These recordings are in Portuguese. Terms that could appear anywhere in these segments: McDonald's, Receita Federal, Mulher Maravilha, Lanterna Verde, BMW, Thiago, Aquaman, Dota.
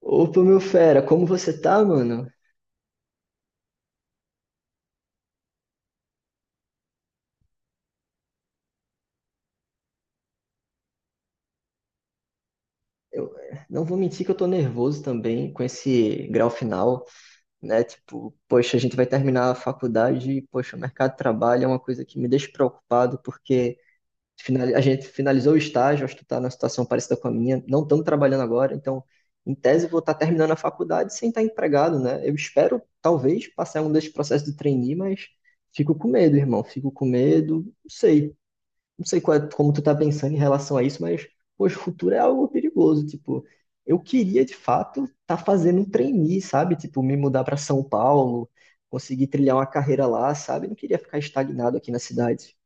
Opa, meu fera, como você tá, mano? Eu não vou mentir que eu tô nervoso também com esse grau final, né? Tipo, poxa, a gente vai terminar a faculdade e, poxa, o mercado de trabalho é uma coisa que me deixa preocupado, porque a gente finalizou o estágio, acho que tu tá numa situação parecida com a minha, não estamos trabalhando agora, então, em tese, eu vou estar terminando a faculdade sem estar empregado, né? Eu espero, talvez, passar um desses processos de trainee, mas fico com medo, irmão, fico com medo, não sei. Não sei como tu tá pensando em relação a isso, mas, poxa, o futuro é algo perigoso, tipo, eu queria, de fato, estar tá fazendo um trainee, sabe? Tipo, me mudar para São Paulo, conseguir trilhar uma carreira lá, sabe? Não queria ficar estagnado aqui na cidade.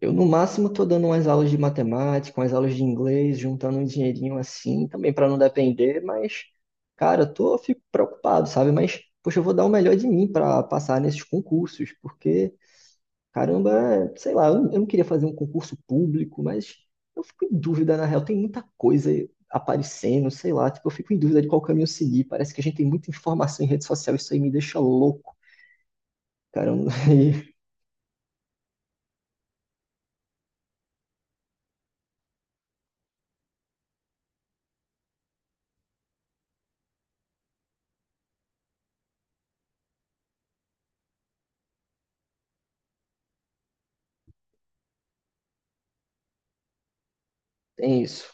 Eu, no máximo, tô dando umas aulas de matemática, umas aulas de inglês, juntando um dinheirinho assim, também para não depender, mas, cara, eu fico preocupado, sabe? Mas, poxa, eu vou dar o melhor de mim para passar nesses concursos, porque caramba, é, sei lá, eu não queria fazer um concurso público, mas eu fico em dúvida, na real, tem muita coisa aparecendo, sei lá, tipo, eu fico em dúvida de qual caminho seguir. Parece que a gente tem muita informação em rede social, isso aí me deixa louco, cara. Eu não- E tem isso.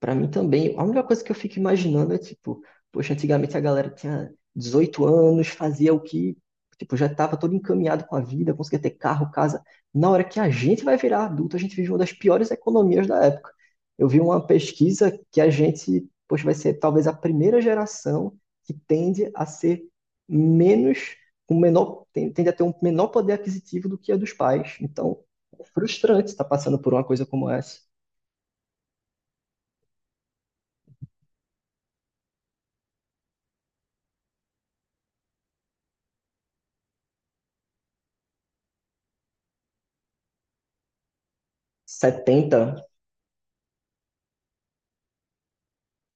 Pra mim também, a única coisa que eu fico imaginando é tipo, poxa, antigamente a galera tinha 18 anos, fazia o que, tipo, já estava todo encaminhado com a vida, conseguia ter carro, casa. Na hora que a gente vai virar adulto, a gente vive uma das piores economias da época. Eu vi uma pesquisa que a gente, poxa, vai ser talvez a primeira geração que menos, tende a ter um menor poder aquisitivo do que a dos pais. Então, é frustrante estar passando por uma coisa como essa. 70.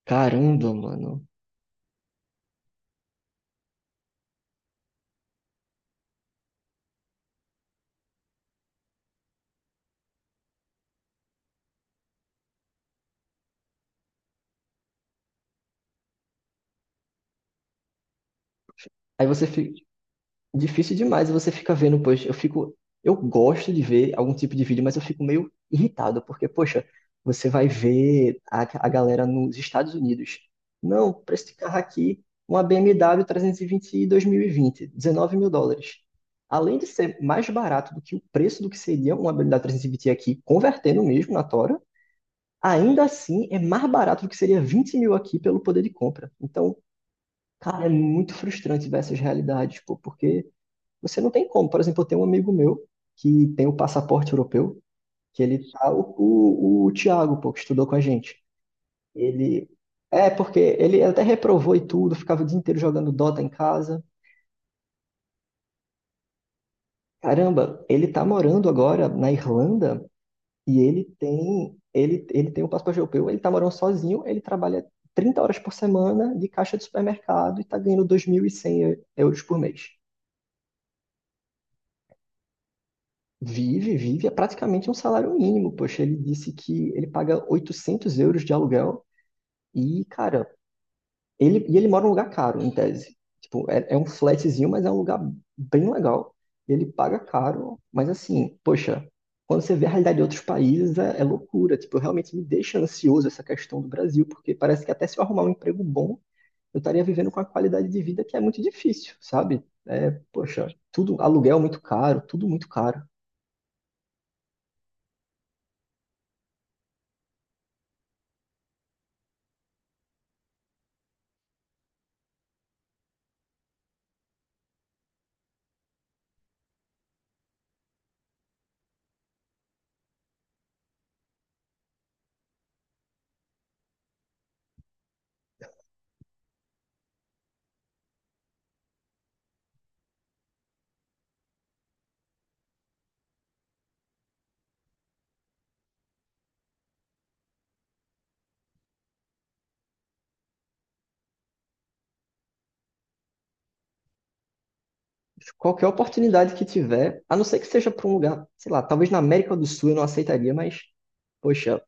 Caramba, mano. Aí você fica. Difícil demais, você fica vendo, poxa, eu fico. Eu gosto de ver algum tipo de vídeo, mas eu fico meio irritado, porque, poxa, você vai ver a galera nos Estados Unidos. Não, preço de carro aqui, uma BMW 320 2020, 19 mil e vinte, US$ 19 mil. Além de ser mais barato do que o preço do que seria uma BMW 320 aqui, convertendo mesmo na Tora, ainda assim é mais barato do que seria 20 mil aqui pelo poder de compra. Então, cara, é muito frustrante ver essas realidades, pô, porque você não tem como. Por exemplo, eu tenho um amigo meu que tem o passaporte europeu, que ele tá, o Thiago, pô, que estudou com a gente. Ele. É, porque ele até reprovou e tudo, ficava o dia inteiro jogando Dota em casa. Caramba, ele tá morando agora na Irlanda e ele tem o passaporte europeu, ele tá morando sozinho, ele trabalha 30 horas por semana de caixa de supermercado e tá ganhando € 2.100 por mês. Vive, vive, é praticamente um salário mínimo, poxa, ele disse que ele paga € 800 de aluguel e, cara, ele mora num lugar caro, em tese. Tipo, é um flatzinho, mas é um lugar bem legal. Ele paga caro, mas assim, poxa, quando você vê a realidade de outros países, é loucura. Tipo, realmente me deixa ansioso essa questão do Brasil, porque parece que até se eu arrumar um emprego bom, eu estaria vivendo com a qualidade de vida que é muito difícil, sabe? É, poxa, tudo, aluguel muito caro, tudo muito caro. Qualquer oportunidade que tiver, a não ser que seja para um lugar, sei lá, talvez na América do Sul eu não aceitaria, mas, poxa,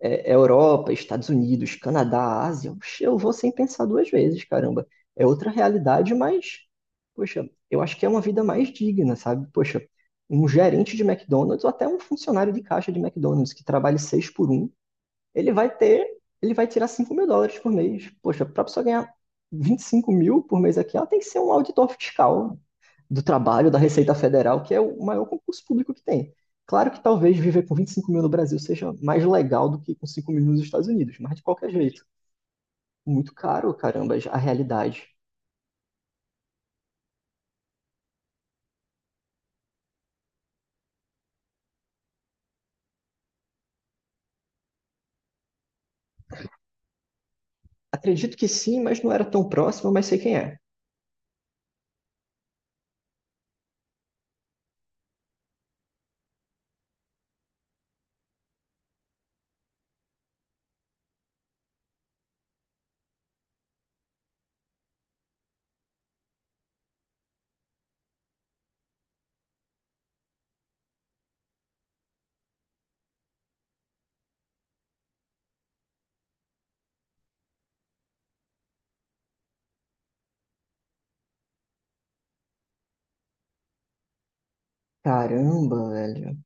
é Europa, Estados Unidos, Canadá, Ásia, oxe, eu vou sem pensar duas vezes, caramba. É outra realidade, mas, poxa, eu acho que é uma vida mais digna, sabe? Poxa, um gerente de McDonald's ou até um funcionário de caixa de McDonald's que trabalhe seis por um, ele vai ter, ele vai tirar US$ 5 mil por mês. Poxa, para a pessoa ganhar 25 mil por mês aqui, ela tem que ser um auditor fiscal do trabalho da Receita Federal, que é o maior concurso público que tem. Claro que talvez viver com 25 mil no Brasil seja mais legal do que com 5 mil nos Estados Unidos, mas de qualquer jeito, muito caro, caramba, a realidade. Acredito que sim, mas não era tão próximo, mas sei quem é. Caramba, velho.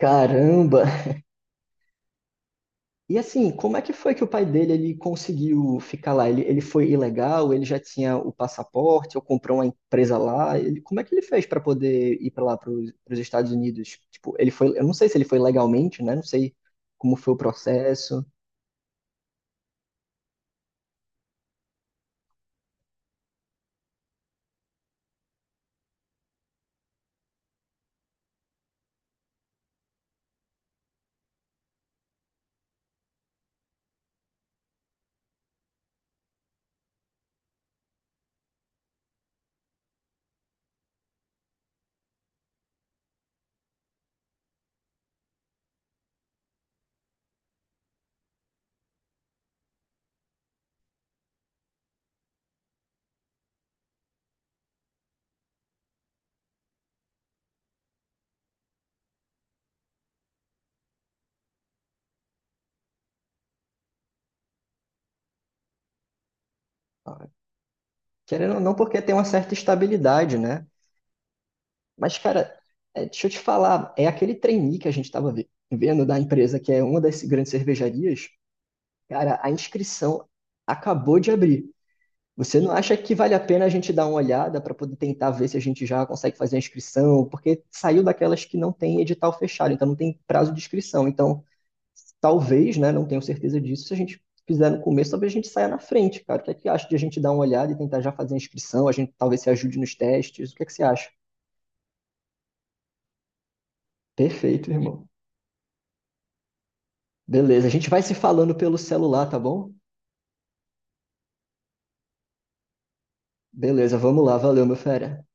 Caramba. E assim, como é que foi que o pai dele ele conseguiu ficar lá? Ele foi ilegal? Ele já tinha o passaporte? Ou comprou uma empresa lá? Como é que ele fez para poder ir para lá, para os Estados Unidos? Tipo, ele foi, eu não sei se ele foi legalmente, né? Não sei como foi o processo. Ah, querendo ou não, porque tem uma certa estabilidade, né? Mas, cara, é, deixa eu te falar, é aquele trainee que a gente estava vendo da empresa, que é uma das grandes cervejarias. Cara, a inscrição acabou de abrir. Você não acha que vale a pena a gente dar uma olhada para poder tentar ver se a gente já consegue fazer a inscrição? Porque saiu daquelas que não tem edital fechado, então não tem prazo de inscrição. Então, talvez, né, não tenho certeza disso, se a gente fizer no começo, talvez a gente saia na frente, cara. O que é que acha de a gente dar uma olhada e tentar já fazer a inscrição? A gente talvez se ajude nos testes. O que é que você acha? Perfeito, irmão. Beleza, a gente vai se falando pelo celular, tá bom? Beleza, vamos lá. Valeu, meu fera.